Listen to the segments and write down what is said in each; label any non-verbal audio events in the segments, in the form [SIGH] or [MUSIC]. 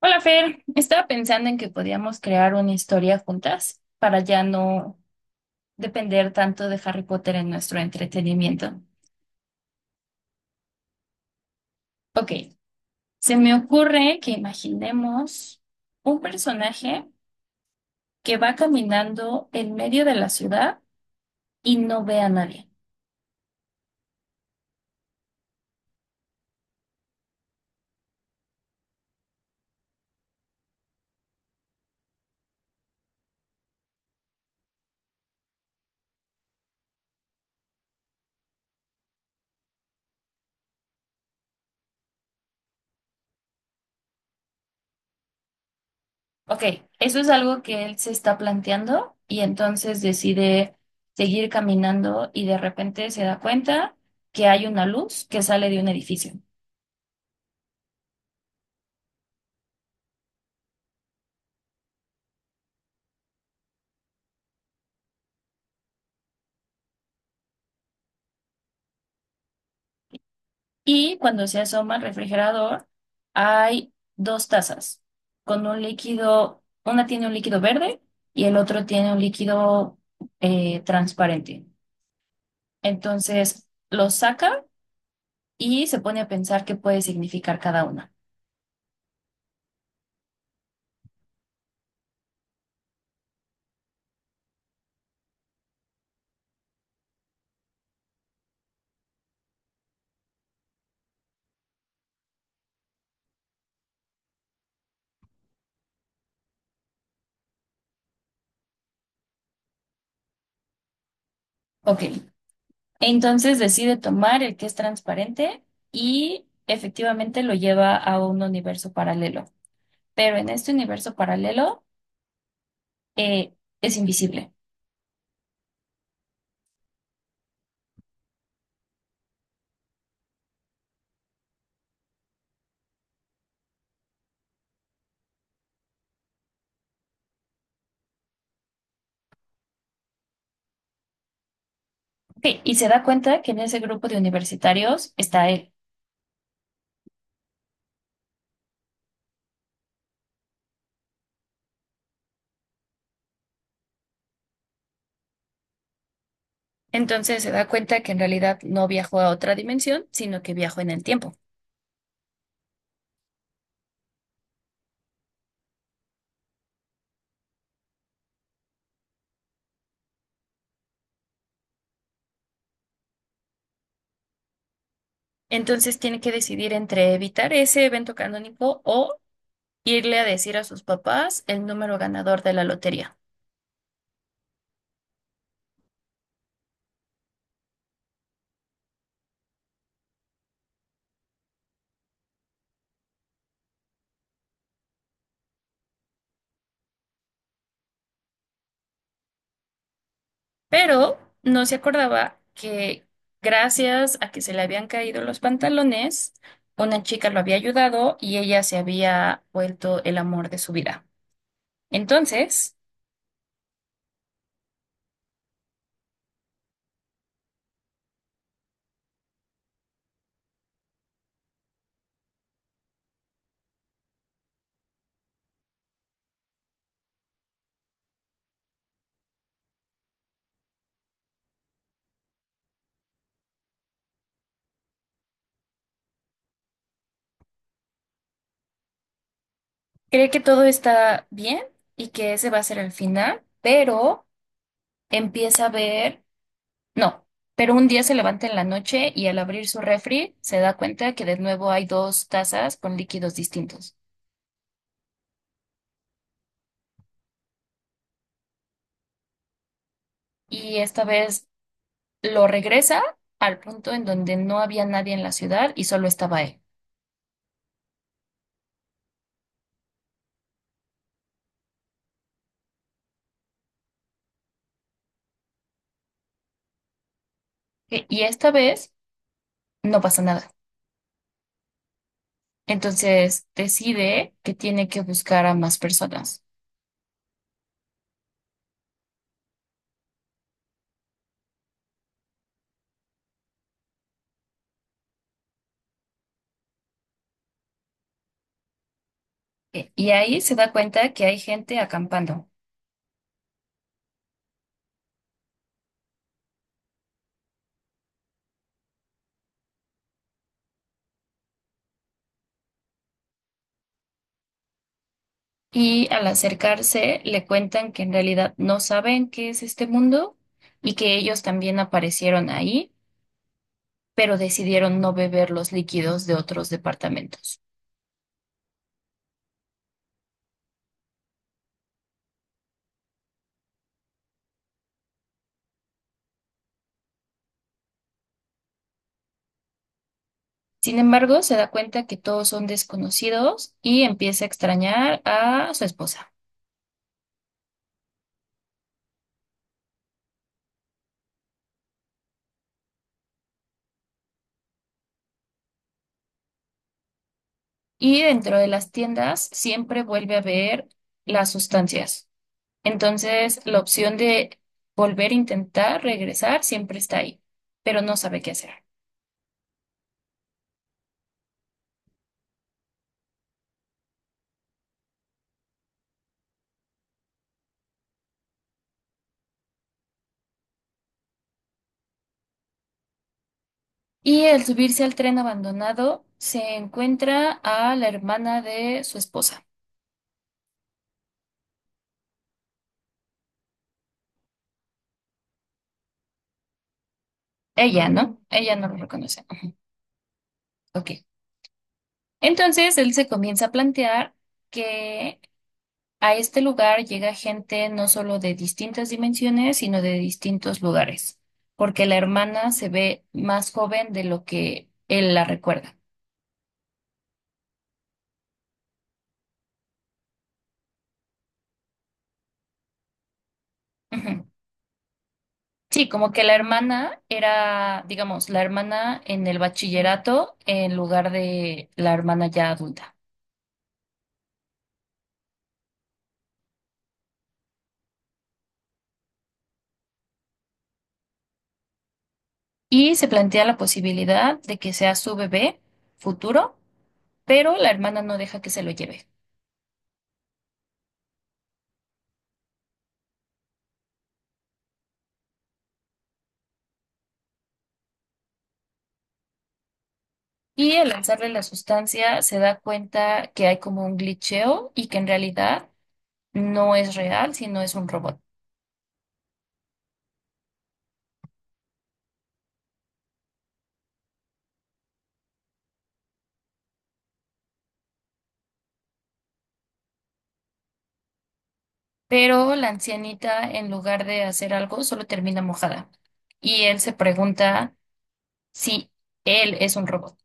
Hola Fer, estaba pensando en que podíamos crear una historia juntas para ya no depender tanto de Harry Potter en nuestro entretenimiento. Ok, se me ocurre que imaginemos un personaje que va caminando en medio de la ciudad y no ve a nadie. Ok, eso es algo que él se está planteando y entonces decide seguir caminando y de repente se da cuenta que hay una luz que sale de un edificio. Y cuando se asoma al refrigerador, hay dos tazas con un líquido, una tiene un líquido verde y el otro tiene un líquido transparente. Entonces lo saca y se pone a pensar qué puede significar cada una. Ok, entonces decide tomar el que es transparente y efectivamente lo lleva a un universo paralelo. Pero en este universo paralelo eh, es invisible. Sí, y se da cuenta que en ese grupo de universitarios está él. Entonces se da cuenta que en realidad no viajó a otra dimensión, sino que viajó en el tiempo. Entonces tiene que decidir entre evitar ese evento canónico o irle a decir a sus papás el número ganador de la lotería. Pero no se acordaba que gracias a que se le habían caído los pantalones, una chica lo había ayudado y ella se había vuelto el amor de su vida. Entonces... Cree que todo está bien y que ese va a ser el final, pero empieza a ver, no, pero un día se levanta en la noche y al abrir su refri se da cuenta que de nuevo hay dos tazas con líquidos distintos. Y esta vez lo regresa al punto en donde no había nadie en la ciudad y solo estaba él. Y esta vez no pasa nada. Entonces decide que tiene que buscar a más personas. Y ahí se da cuenta que hay gente acampando. Y al acercarse, le cuentan que en realidad no saben qué es este mundo y que ellos también aparecieron ahí, pero decidieron no beber los líquidos de otros departamentos. Sin embargo, se da cuenta que todos son desconocidos y empieza a extrañar a su esposa. Y dentro de las tiendas siempre vuelve a ver las sustancias. Entonces, la opción de volver a intentar regresar siempre está ahí, pero no sabe qué hacer. Y al subirse al tren abandonado, se encuentra a la hermana de su esposa. Ella, ¿no? Ella no lo reconoce. Ujú. Ok. Entonces él se comienza a plantear que a este lugar llega gente no solo de distintas dimensiones, sino de distintos lugares, porque la hermana se ve más joven de lo que él la recuerda. Ujú. Sí, como que la hermana era, digamos, la hermana en el bachillerato en lugar de la hermana ya adulta. Y se plantea la posibilidad de que sea su bebé futuro, pero la hermana no deja que se lo lleve. Y al lanzarle la sustancia se da cuenta que hay como un glitcheo y que en realidad no es real, sino es un robot. Pero la ancianita, en lugar de hacer algo, solo termina mojada. Y él se pregunta si él es un robot.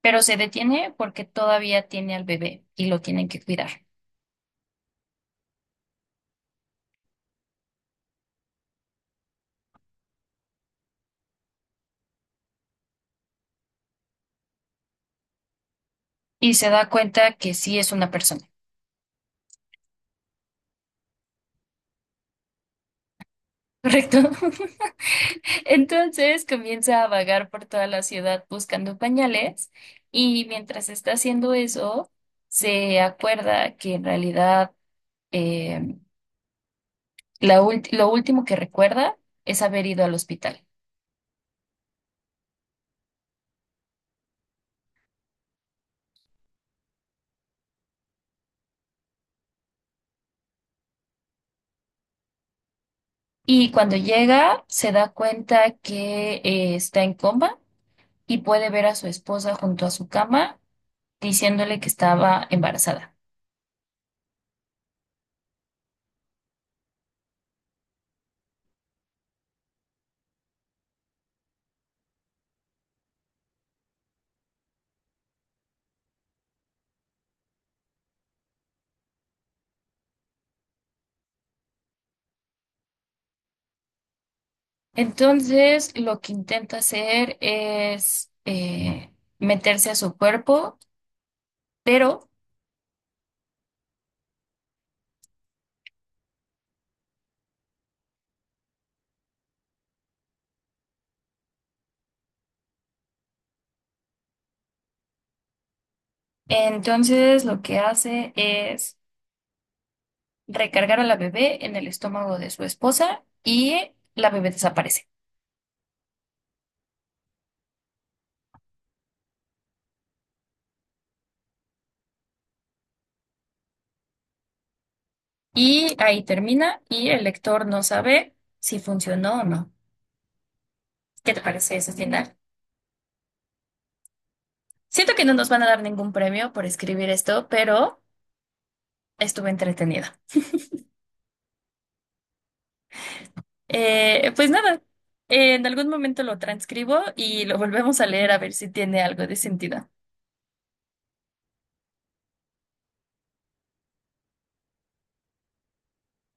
Pero se detiene porque todavía tiene al bebé y lo tienen que cuidar. Y se da cuenta que sí es una persona. [LAUGHS] ¿Correcto? Entonces comienza a vagar por toda la ciudad buscando pañales y mientras está haciendo eso, se acuerda que en realidad eh, lo último que recuerda es haber ido al hospital. Y cuando llega, se da cuenta que está en coma y puede ver a su esposa junto a su cama diciéndole que estaba embarazada. Entonces, lo que intenta hacer es meterse a su cuerpo, pero entonces lo que hace es recargar a la bebé en el estómago de su esposa y la bebé desaparece. Y ahí termina y el lector no sabe si funcionó o no. ¿Qué te parece ese final? Siento que no nos van a dar ningún premio por escribir esto, pero estuve entretenida. Pues nada, en algún momento lo transcribo y lo volvemos a leer a ver si tiene algo de sentido.